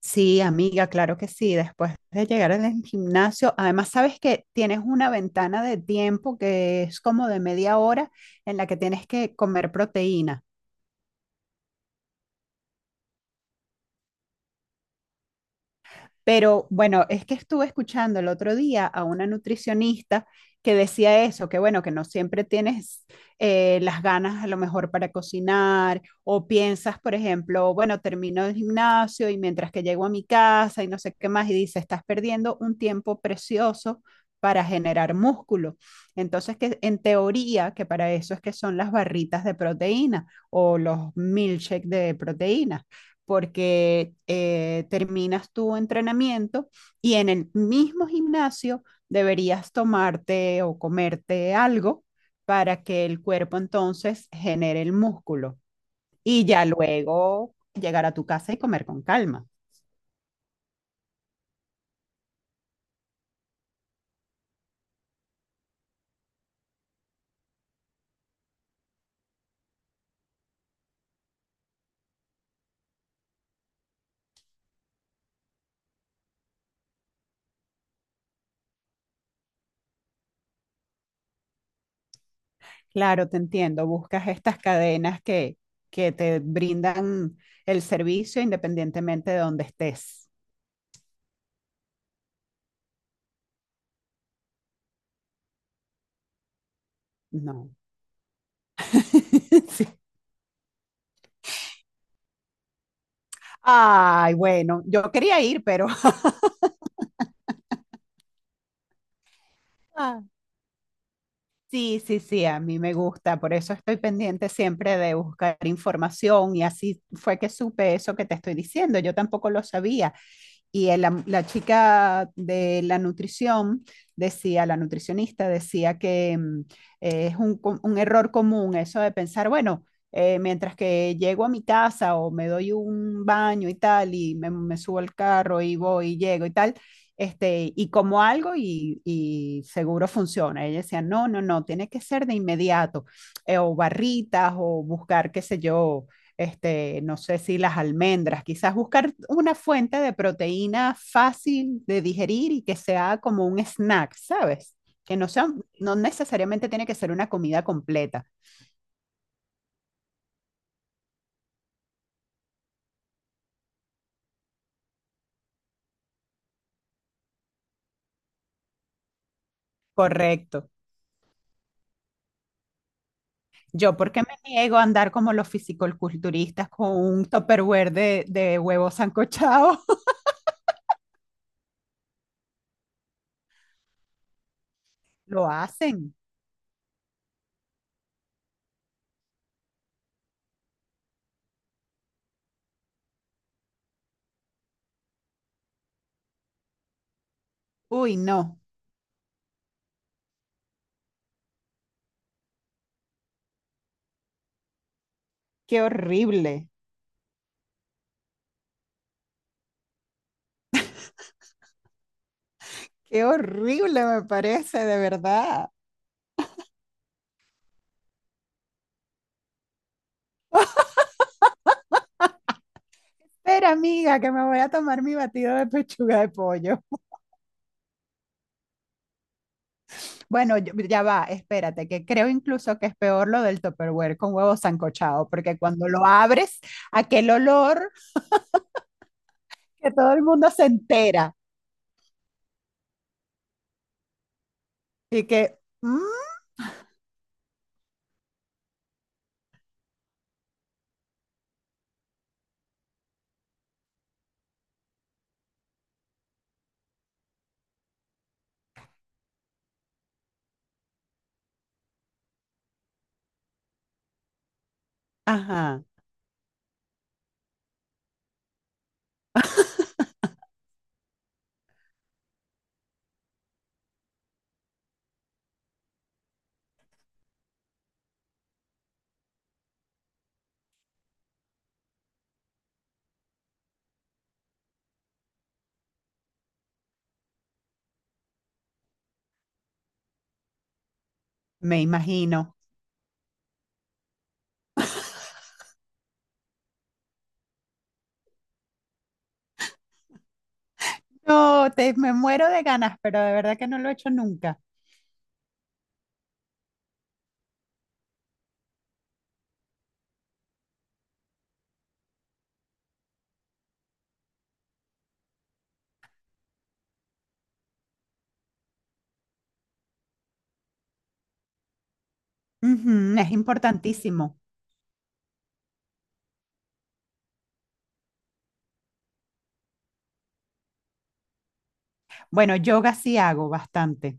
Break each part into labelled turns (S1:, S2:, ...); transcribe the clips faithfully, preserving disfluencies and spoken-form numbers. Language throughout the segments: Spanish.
S1: Sí, amiga, claro que sí. Después de llegar al gimnasio, además sabes que tienes una ventana de tiempo que es como de media hora en la que tienes que comer proteína. Pero bueno, es que estuve escuchando el otro día a una nutricionista que decía eso, que bueno, que no siempre tienes eh, las ganas a lo mejor para cocinar o piensas, por ejemplo, bueno, termino el gimnasio y mientras que llego a mi casa y no sé qué más y dice, estás perdiendo un tiempo precioso para generar músculo. Entonces, que en teoría, que para eso es que son las barritas de proteína o los milkshakes de proteína porque eh, terminas tu entrenamiento y en el mismo gimnasio deberías tomarte o comerte algo para que el cuerpo entonces genere el músculo y ya luego llegar a tu casa y comer con calma. Claro, te entiendo, buscas estas cadenas que, que te brindan el servicio independientemente de donde estés. No. Sí. Ay, bueno, yo quería ir, pero. Sí, sí, sí, a mí me gusta, por eso estoy pendiente siempre de buscar información y así fue que supe eso que te estoy diciendo, yo tampoco lo sabía. Y el am- la chica de la nutrición decía, la nutricionista decía que mm, eh, es un, co- un error común eso de pensar, bueno, eh, mientras que llego a mi casa o me doy un baño y tal, y me, me subo al carro y voy y llego y tal este, y como algo y, y seguro funciona. Ella decía, no, no, no, tiene que ser de inmediato, eh, o barritas, o buscar, qué sé yo, este, no sé si las almendras, quizás buscar una fuente de proteína fácil de digerir y que sea como un snack, ¿sabes? Que no sea, no necesariamente tiene que ser una comida completa. Correcto. Yo, ¿por qué me niego a andar como los fisicoculturistas con un tupperware de, de huevos sancochados? Lo hacen. Uy, no, qué horrible, qué horrible me parece, de verdad. Pero amiga, que me voy a tomar mi batido de pechuga de pollo. Bueno, yo- ya va, espérate, que creo incluso que es peor lo del Tupperware con huevo sancochado, porque cuando lo abres, aquel olor que todo el mundo se entera y que, "Mm, ajá". Me imagino. No, te, me muero de ganas, pero de verdad que no lo he hecho nunca. Ujú, es importantísimo. Bueno, yoga sí hago bastante.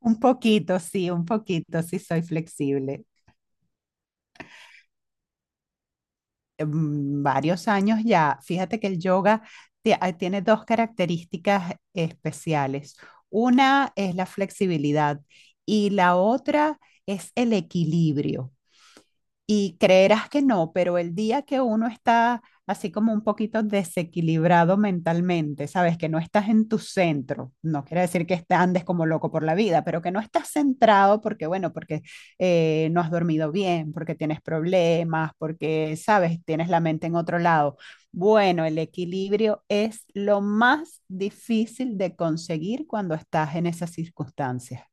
S1: Un poquito, sí, un poquito, sí soy flexible. Em, varios años ya. Fíjate que el yoga ti- ah, tiene dos características especiales. Una es la flexibilidad y la otra es el equilibrio. Y creerás que no, pero el día que uno está así como un poquito desequilibrado mentalmente, sabes que no estás en tu centro, no quiere decir que est- andes como loco por la vida, pero que no estás centrado porque, bueno, porque eh, no has dormido bien, porque tienes problemas, porque, sabes, tienes la mente en otro lado. Bueno, el equilibrio es lo más difícil de conseguir cuando estás en esas circunstancias.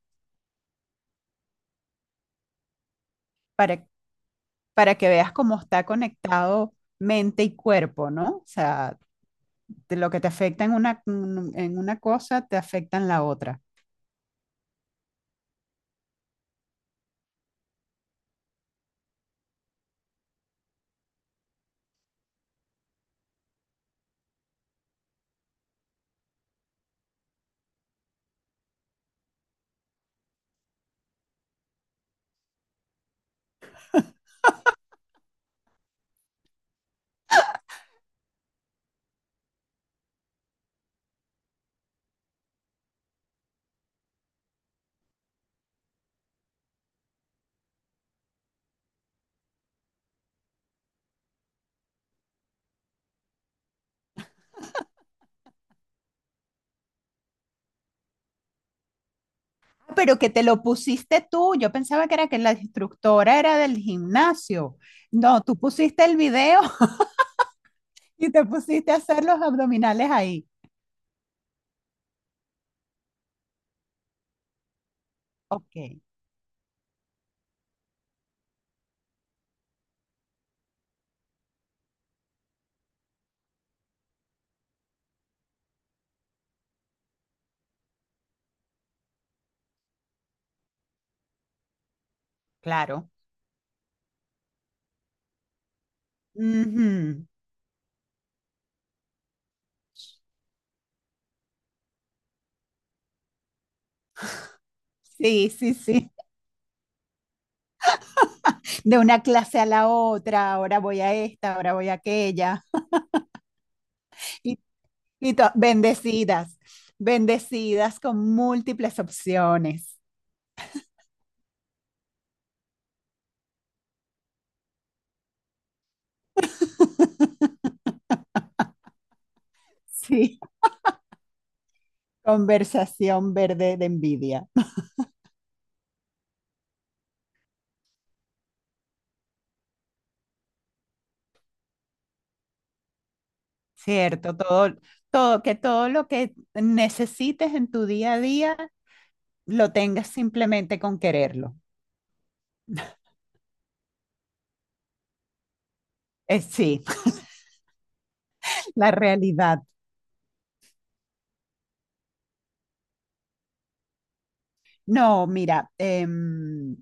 S1: Para, para que veas cómo está conectado mente y cuerpo, ¿no? O sea, de lo que te afecta en una, en una, cosa te afecta en la otra. Ah, pero que te lo pusiste tú, yo pensaba que era que la instructora era del gimnasio. No, tú pusiste el video y te pusiste a hacer los abdominales ahí. Ok, claro. Ujú. Sí, sí, sí. De una clase a la otra, ahora voy a esta, ahora voy a aquella. Y to- bendecidas, bendecidas con múltiples opciones. Sí. Conversación verde de envidia. Cierto, todo, todo, que todo lo que necesites en tu día a día lo tengas simplemente con quererlo. Eh, sí, la realidad. No, mira, em,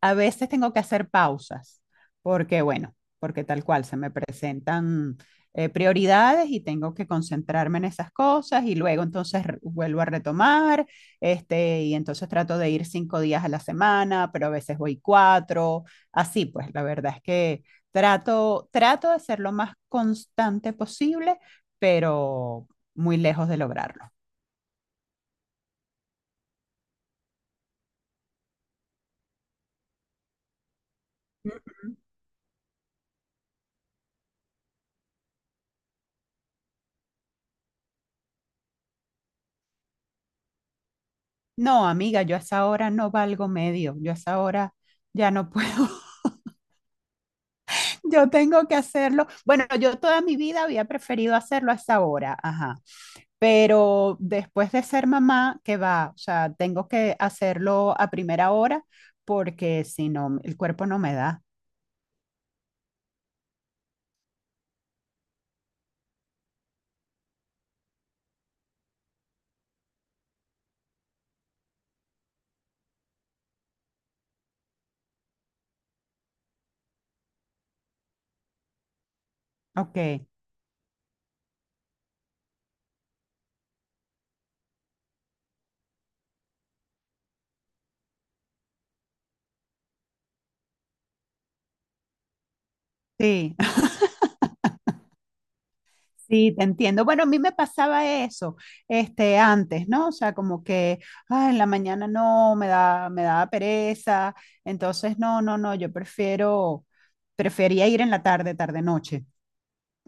S1: a veces tengo que hacer pausas, porque bueno, porque tal cual se me presentan eh, prioridades y tengo que concentrarme en esas cosas y luego entonces re- vuelvo a retomar, este, y entonces trato de ir cinco días a la semana, pero a veces voy cuatro, así pues, la verdad es que trato, trato de ser lo más constante posible, pero muy lejos de lograrlo. No, amiga, yo a esa hora no valgo medio, yo a esa hora ya no puedo. Yo tengo que hacerlo. Bueno, yo toda mi vida había preferido hacerlo a esa hora, ajá. Pero después de ser mamá, que va, o sea, tengo que hacerlo a primera hora porque si no, el cuerpo no me da. Ok, sí. Sí, te entiendo. Bueno, a mí me pasaba eso, este, antes, ¿no? O sea, como que, ah, en la mañana no, me da, me daba pereza. Entonces, no, no, no, yo prefiero, prefería ir en la tarde, tarde-noche.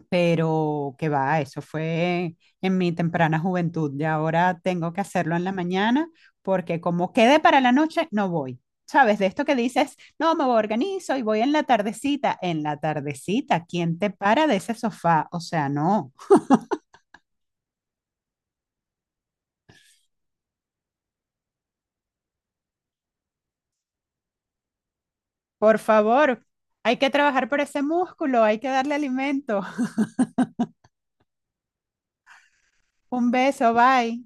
S1: Pero que va, eso fue en mi temprana juventud y ahora tengo que hacerlo en la mañana porque como quede para la noche, no voy. ¿Sabes? De esto que dices, no, me organizo y voy en la tardecita. En la tardecita, ¿quién te para de ese sofá? O sea, no. Por favor, hay que trabajar por ese músculo, hay que darle alimento. Un beso, bye.